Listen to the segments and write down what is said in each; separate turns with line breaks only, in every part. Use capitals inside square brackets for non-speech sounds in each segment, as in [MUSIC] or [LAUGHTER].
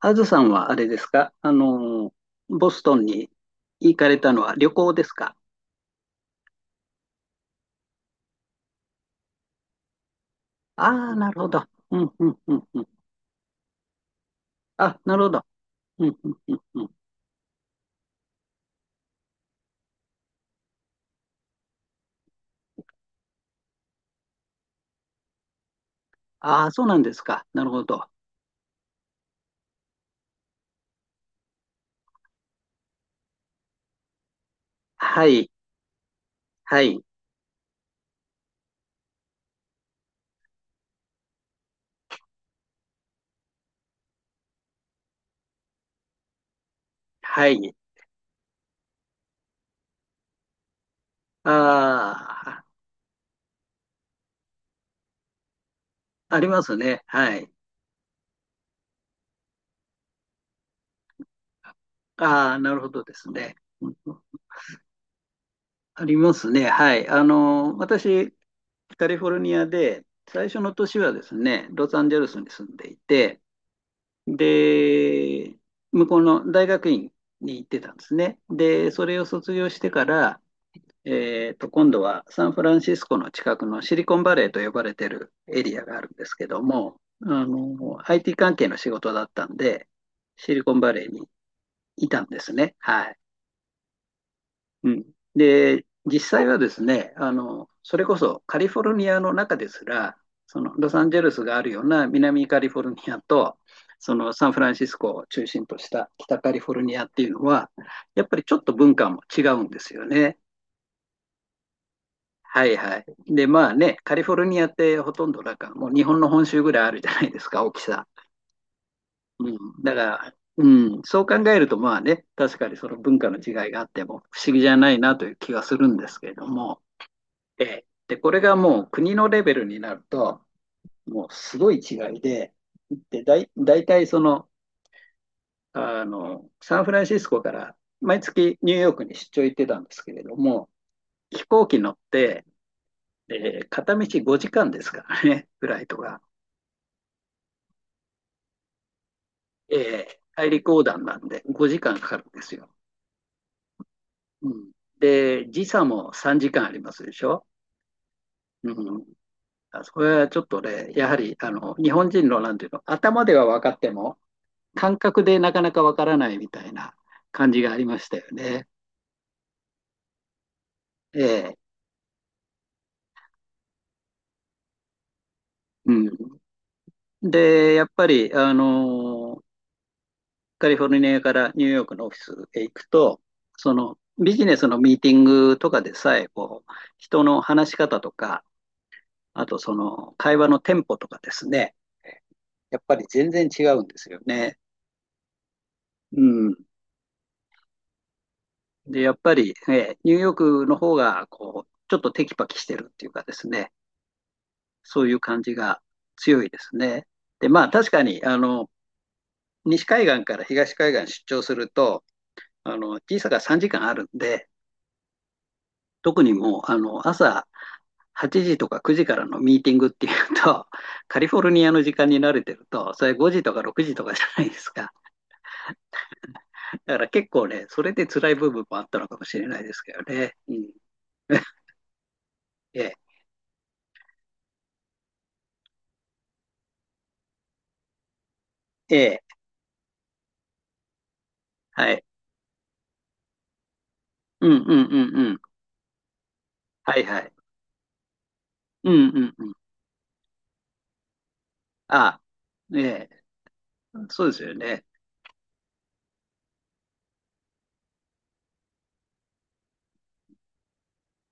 あずさんはあれですかボストンに行かれたのは旅行ですか？ああー、なるほど。うん、うん、うん、うん。あ、なるほど。うん、うん、うん、うん。ああ、そうなんですか。なるほど。はい、はい、はい。ああ、ありますね。はい。ああ、なるほどですね。うんうん。ありますね。はい。私、カリフォルニアで、最初の年はですね、ロサンゼルスに住んでいて、で、向こうの大学院に行ってたんですね。で、それを卒業してから、今度はサンフランシスコの近くのシリコンバレーと呼ばれてるエリアがあるんですけども、IT 関係の仕事だったんで、シリコンバレーにいたんですね。はい。うん。で、実際はですね、それこそカリフォルニアの中ですら、そのロサンゼルスがあるような南カリフォルニアと、そのサンフランシスコを中心とした北カリフォルニアっていうのは、やっぱりちょっと文化も違うんですよね。はいはい。で、まあね、カリフォルニアってほとんどなんかもう日本の本州ぐらいあるじゃないですか、大きさ。うん。だから、うん、そう考えるとまあね、確かにその文化の違いがあっても不思議じゃないなという気がするんですけれども。ええ、で、これがもう国のレベルになると、もうすごい違いで、で、大体その、サンフランシスコから毎月ニューヨークに出張行ってたんですけれども、飛行機乗って、えー片道5時間ですからね、フライトが。えー大陸横断なんで5時間かかるんですよ。うん、で、時差も3時間ありますでしょ。うん、あそこはちょっとね、やはりあの日本人のなんていうの、頭では分かっても、感覚でなかなかわからないみたいな感じがありましたよね。ええ、うん。で、やっぱり、カリフォルニアからニューヨークのオフィスへ行くと、そのビジネスのミーティングとかでさえ、こう、人の話し方とか、あとその会話のテンポとかですね、やっぱり全然違うんですよね。うん。で、やっぱり、え、ニューヨークの方が、こう、ちょっとテキパキしてるっていうかですね、そういう感じが強いですね。で、まあ確かに、西海岸から東海岸出張すると、時差が3時間あるんで、特にもう、朝8時とか9時からのミーティングっていうと、[LAUGHS] カリフォルニアの時間に慣れてると、それ5時とか6時とかじゃないですか。だから結構ね、それで辛い部分もあったのかもしれないですけどね。うん。[LAUGHS] ええ、ええ、はい。うんうんうんうん。はいはい。うんうんうん。あ、ええ、そうですよね。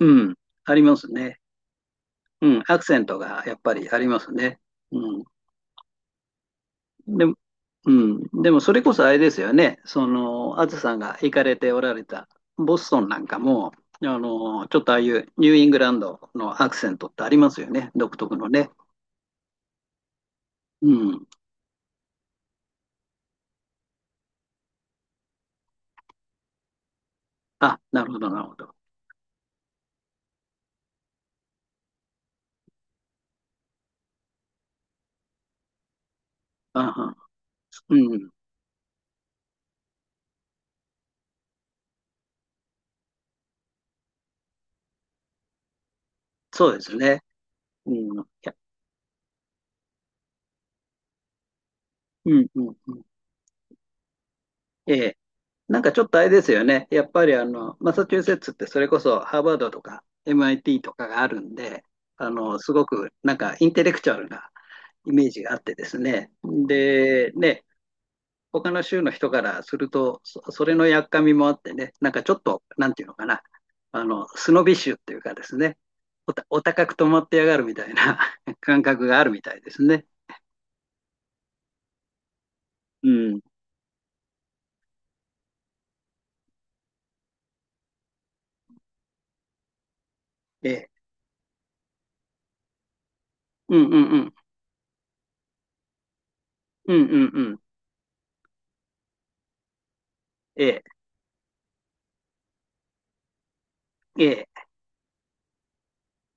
うん、ありますね。うん、アクセントがやっぱりありますね。うん。でも、うん、でもそれこそあれですよね。その、あずさんが行かれておられたボストンなんかも、ちょっとああいうニューイングランドのアクセントってありますよね。独特のね。うん。あ、なるほど、なるほど。あはうん。そうですね。うん。いや、うん、うん、うん。ええ、なんかちょっとあれですよね。やっぱりあの、マサチューセッツってそれこそハーバードとか MIT とかがあるんで、すごくなんかインテレクチュアルなイメージがあってですね。で、ね、他の州の人からすると、それのやっかみもあってね、なんかちょっと、なんていうのかな、スノビッシュっていうかですね、お高く止まってやがるみたいな [LAUGHS] 感覚があるみたいですね。うん。ええ。うんうんうん。うんうんうん。ええ。ええ。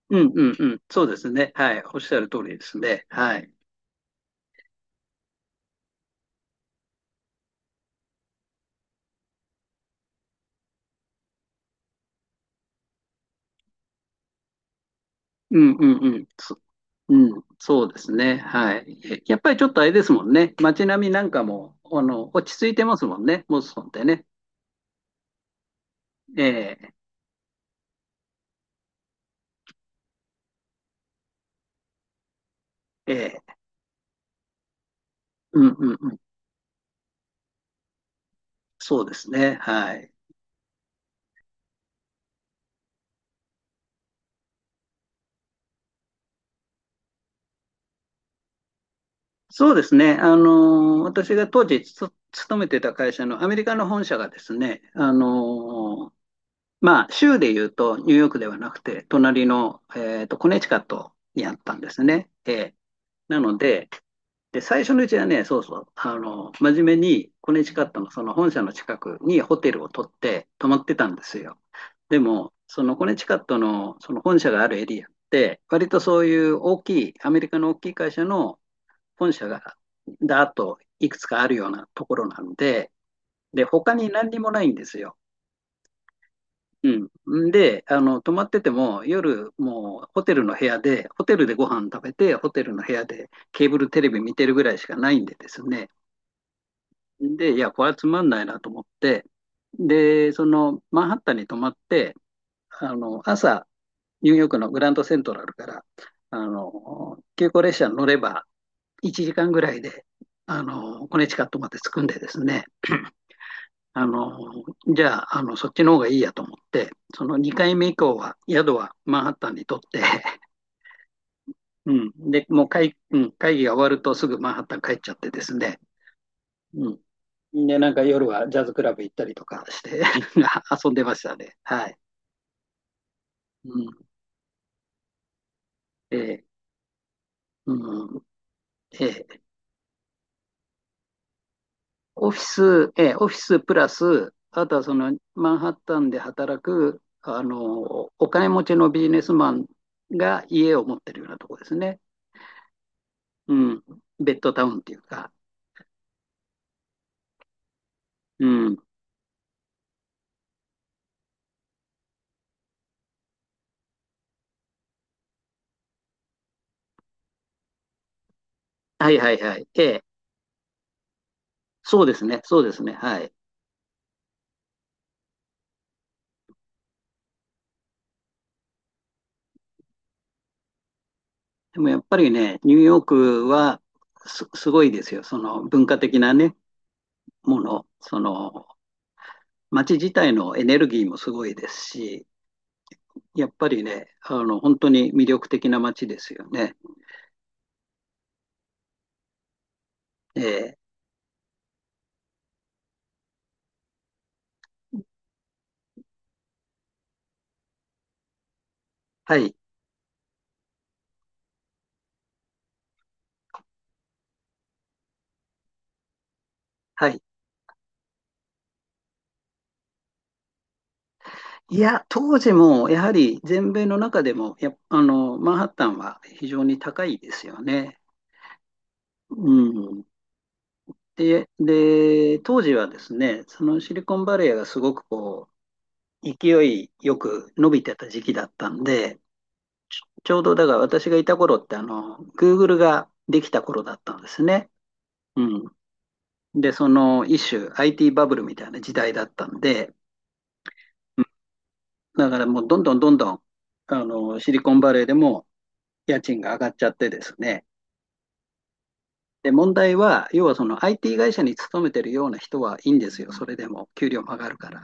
うんうんうん。そうですね。はい。おっしゃる通りですね。はい。うんうんうん。そ、うん。そうですね。はい。えやっぱりちょっとあれですもんね。街並みなんかも、落ち着いてますもんね。ボストンってね。ええ。ええ。うんうんうん。そうですね。はい。そうですね。私が当時つ勤めてた会社のアメリカの本社がですね、まあ、州でいうとニューヨークではなくて、隣の、コネチカットにあったんですね。ええ、なので、で、最初のうちはね、そうそう、真面目に、コネチカットのその本社の近くにホテルを取って泊まってたんですよ。でも、そのコネチカットのその本社があるエリアって、割とそういう大きい、アメリカの大きい会社の本社が、だーっといくつかあるようなところなんで、で、他に何にもないんですよ。うん。で、泊まってても、夜、もうホテルの部屋で、ホテルでご飯食べて、ホテルの部屋でケーブルテレビ見てるぐらいしかないんでですね。で、いや、これはつまんないなと思って、で、その、マンハッタンに泊まって、朝、ニューヨークのグランドセントラルから、急行列車に乗れば、1時間ぐらいで、コネチカットまで着くんでですね。あの、じゃあ、そっちの方がいいやと思って、その2回目以降は、宿はマンハッタンにとって、[LAUGHS] うん、で、もう会、うん、会議が終わるとすぐマンハッタン帰っちゃってですね、うん。で、なんか夜はジャズクラブ行ったりとかして [LAUGHS] 遊んでましたね。はい。うん、え、うん、えー、オフィスプラス、あとはそのマンハッタンで働く、お金持ちのビジネスマンが家を持ってるようなところですね。うん。ベッドタウンっていうか。うん。はいはいはい。ええ。そうですね。そうですね。はい。でもやっぱりね、ニューヨークはすごいですよ。その文化的なね、もの。その、街自体のエネルギーもすごいですし、やっぱりね、本当に魅力的な街ですよね。ええ。はい。はい。いや、当時も、やはり全米の中でも、あの、マンハッタンは非常に高いですよね。うん。で、で、当時はですね、そのシリコンバレーがすごくこう、勢いよく伸びてた時期だったんで、ちょうどだから私がいた頃って、Google ができた頃だったんですね。うん。で、その一種 IT バブルみたいな時代だったんで、うん、だからもうどんどんどんどん、シリコンバレーでも家賃が上がっちゃってですね。で、問題は、要はその IT 会社に勤めてるような人はいいんですよ。それでも給料も上がるから。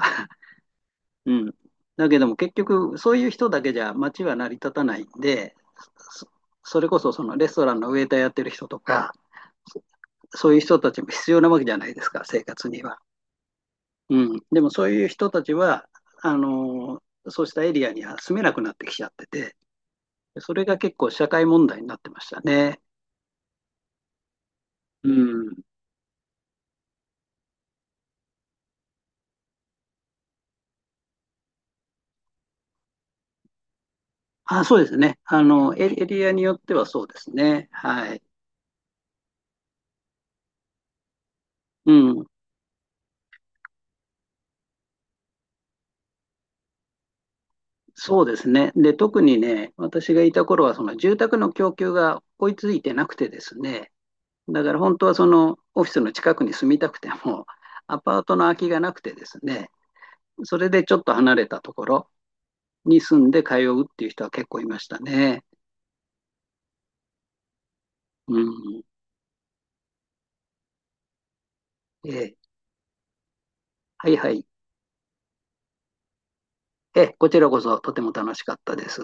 うん。だけども結局そういう人だけじゃ街は成り立たないんで、そ、それこそそのレストランのウェイターやってる人とか、そそういう人たちも必要なわけじゃないですか、生活には。うん。でもそういう人たちは、あのーそうしたエリアには住めなくなってきちゃってて、それが結構社会問題になってましたね。うん。あ、そうですね。エリアによってはそうですね。はい。うん。そうですね。で、特にね、私がいた頃は、その住宅の供給が追いついてなくてですね、だから本当はそのオフィスの近くに住みたくても、[LAUGHS] アパートの空きがなくてですね、それでちょっと離れたところに住んで通うっていう人は結構いましたね。うん。ええ、はいはい。ええ、こちらこそとても楽しかったです。